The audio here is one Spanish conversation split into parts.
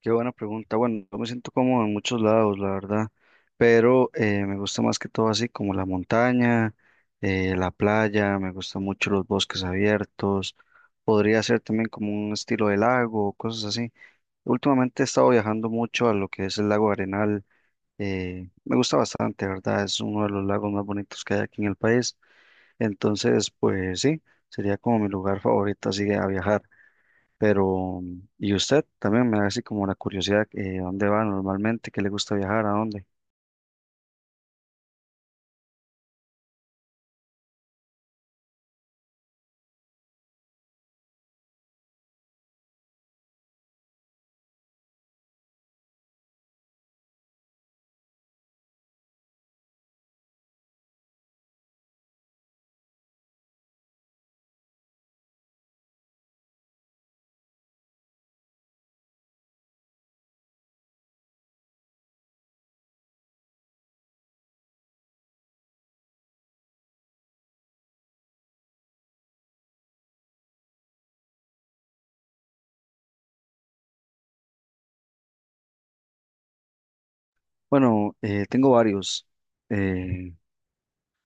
Qué buena pregunta. Bueno, yo me siento cómodo en muchos lados, la verdad, pero me gusta más que todo así como la montaña, la playa, me gustan mucho los bosques abiertos, podría ser también como un estilo de lago, cosas así. Últimamente he estado viajando mucho a lo que es el lago Arenal, me gusta bastante, ¿verdad? Es uno de los lagos más bonitos que hay aquí en el país, entonces pues sí, sería como mi lugar favorito así a viajar. Pero, y usted también me da así como la curiosidad, ¿a dónde va normalmente? ¿Qué le gusta viajar? ¿A dónde? Bueno, tengo varios. eh,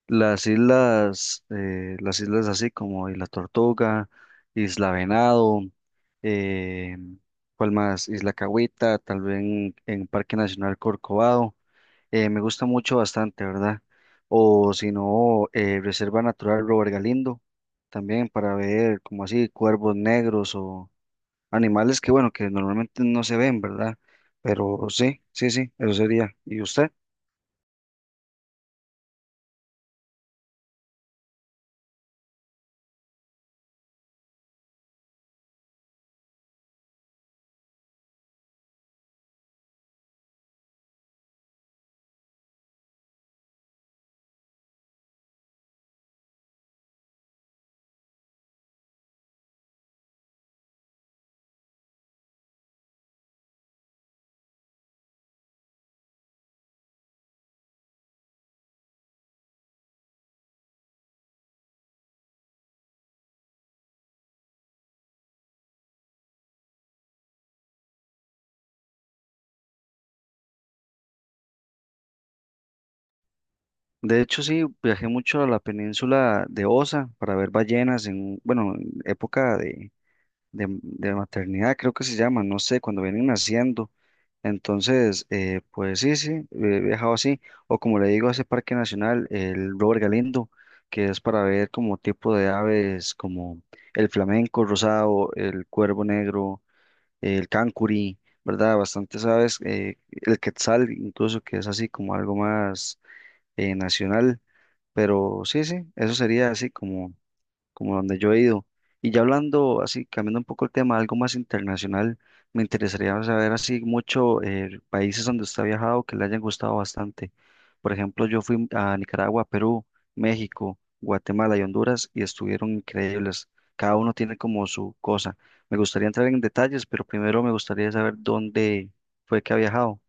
las islas, las islas así como Isla Tortuga, Isla Venado, eh, ¿cuál más? Isla Cahuita, tal vez en Parque Nacional Corcovado. Me gusta mucho bastante, ¿verdad? O si no, Reserva Natural Robert Galindo, también para ver como así cuervos negros o animales que, bueno, que normalmente no se ven, ¿verdad? Pero sí, eso sería. ¿Y usted? De hecho, sí, viajé mucho a la península de Osa para ver ballenas en, bueno, en época de maternidad, creo que se llama, no sé, cuando vienen naciendo. Entonces, pues sí, he viajado así. O como le digo, a ese parque nacional, el Robert Galindo, que es para ver como tipo de aves como el flamenco rosado, el cuervo negro, el cancuri, ¿verdad? Bastantes aves, el quetzal incluso, que es así como algo más nacional, pero sí, eso sería así como como donde yo he ido. Y ya hablando, así, cambiando un poco el tema, algo más internacional, me interesaría saber así mucho países donde usted ha viajado que le hayan gustado bastante. Por ejemplo, yo fui a Nicaragua, Perú, México, Guatemala y Honduras y estuvieron increíbles. Cada uno tiene como su cosa. Me gustaría entrar en detalles, pero primero me gustaría saber dónde fue que ha viajado.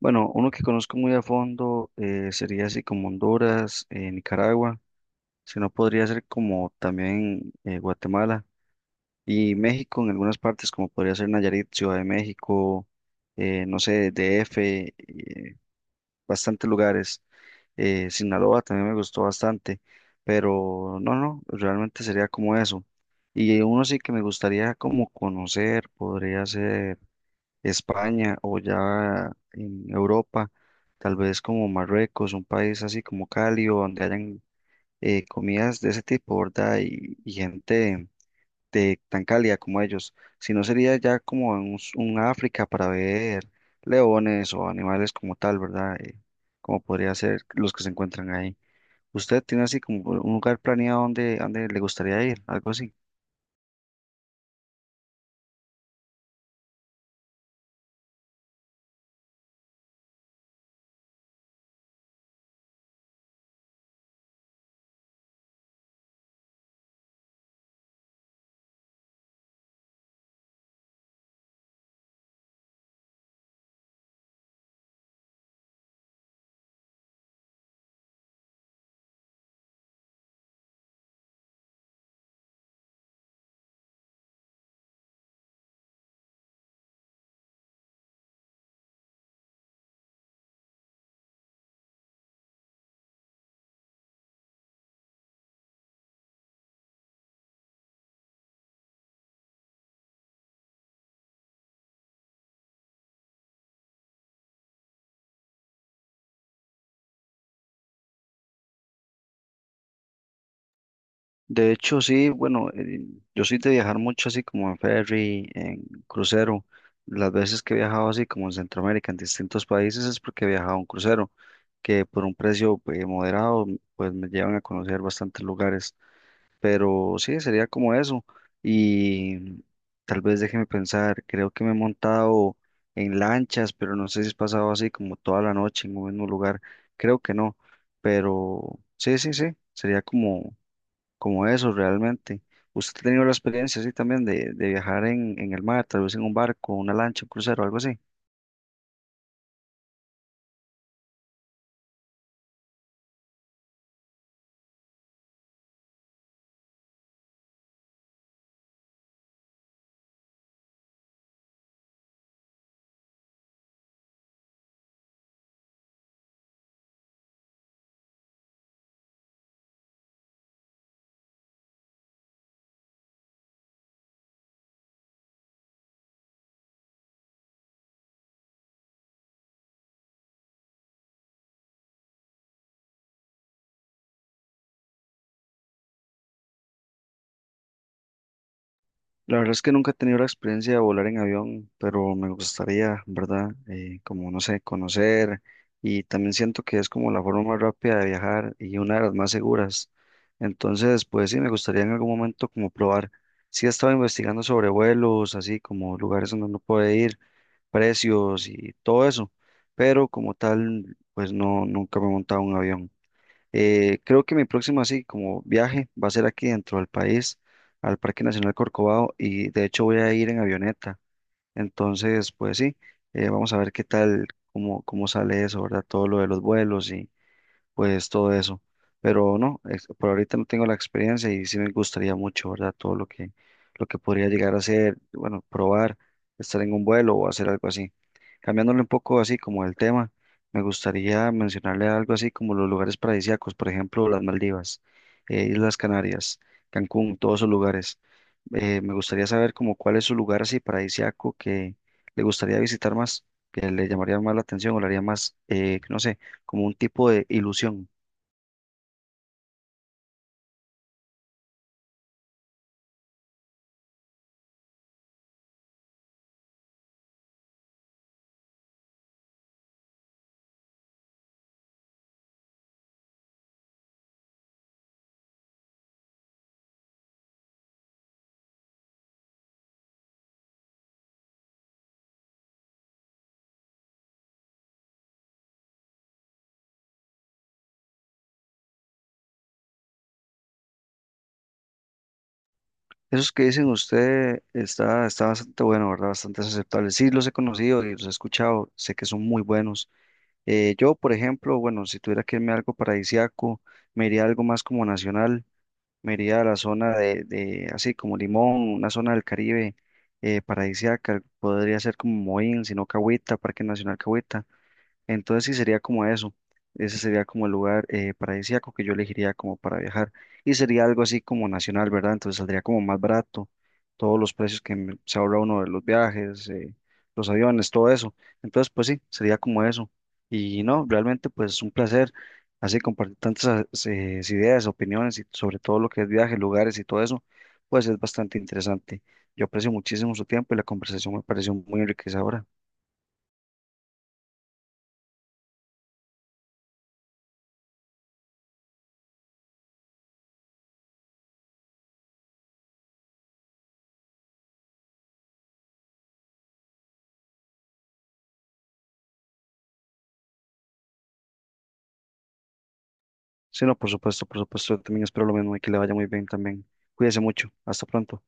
Bueno, uno que conozco muy a fondo sería así como Honduras, Nicaragua. Si no, podría ser como también Guatemala y México en algunas partes, como podría ser Nayarit, Ciudad de México, no sé, DF, eh, bastantes lugares. Sinaloa también me gustó bastante, pero no, realmente sería como eso. Y uno sí que me gustaría como conocer, podría ser España o ya en Europa, tal vez como Marruecos, un país así como cálido, donde hayan comidas de ese tipo, ¿verdad? Y gente de tan cálida como ellos. Si no sería ya como en un, un África para ver leones o animales como tal, ¿verdad? Como podría ser los que se encuentran ahí. ¿Usted tiene así como un lugar planeado donde le gustaría ir? Algo así. De hecho, sí, bueno, yo soy de viajar mucho así como en ferry, en crucero. Las veces que he viajado así como en Centroamérica, en distintos países, es porque he viajado en crucero. Que por un precio moderado, pues me llevan a conocer bastantes lugares. Pero sí, sería como eso. Y tal vez déjeme pensar, creo que me he montado en lanchas, pero no sé si he pasado así como toda la noche en un mismo lugar. Creo que no. Pero sí, sería como eso realmente. ¿Usted ha tenido la experiencia así también de viajar en el mar, tal vez en un barco, una lancha, un crucero, algo así? La verdad es que nunca he tenido la experiencia de volar en avión, pero me gustaría, ¿verdad? Como, no sé, conocer y también siento que es como la forma más rápida de viajar y una de las más seguras. Entonces, pues sí, me gustaría en algún momento como probar. Sí he estado investigando sobre vuelos, así como lugares donde uno puede ir, precios y todo eso, pero como tal, pues no, nunca me he montado en un avión. Creo que mi próximo así como viaje va a ser aquí dentro del país, al Parque Nacional Corcovado, y de hecho voy a ir en avioneta. Entonces, pues sí, vamos a ver qué tal, cómo sale eso, ¿verdad? Todo lo de los vuelos pues todo eso. Pero no, por ahorita no tengo la experiencia y sí me gustaría mucho, ¿verdad? Todo lo lo que podría llegar a hacer, bueno, probar, estar en un vuelo o hacer algo así. Cambiándole un poco así como el tema, me gustaría mencionarle algo así como los lugares paradisíacos, por ejemplo, las Maldivas, Islas Canarias, Cancún, todos esos lugares. Me gustaría saber como cuál es su lugar así paradisíaco que le gustaría visitar más, que le llamaría más la atención o le haría más, no sé, como un tipo de ilusión. Esos que dicen usted está bastante bueno, ¿verdad? Bastante aceptable. Sí, los he conocido y los he escuchado, sé que son muy buenos. Yo, por ejemplo, bueno, si tuviera que irme a algo paradisíaco, me iría a algo más como nacional, me iría a la zona de así como Limón, una zona del Caribe paradisíaca, podría ser como Moín, sino Cahuita, Parque Nacional Cahuita. Entonces sí sería como eso. Ese sería como el lugar paradisíaco que yo elegiría como para viajar. Y sería algo así como nacional, ¿verdad? Entonces saldría como más barato. Todos los precios que se ahorra uno de los viajes, los aviones, todo eso. Entonces, pues sí, sería como eso. Y no, realmente pues es un placer así compartir tantas ideas, opiniones y sobre todo lo que es viajes, lugares y todo eso, pues es bastante interesante. Yo aprecio muchísimo su tiempo y la conversación me pareció muy enriquecedora. Sí, no, por supuesto, yo también espero lo mismo y que le vaya muy bien también. Cuídese mucho, hasta pronto.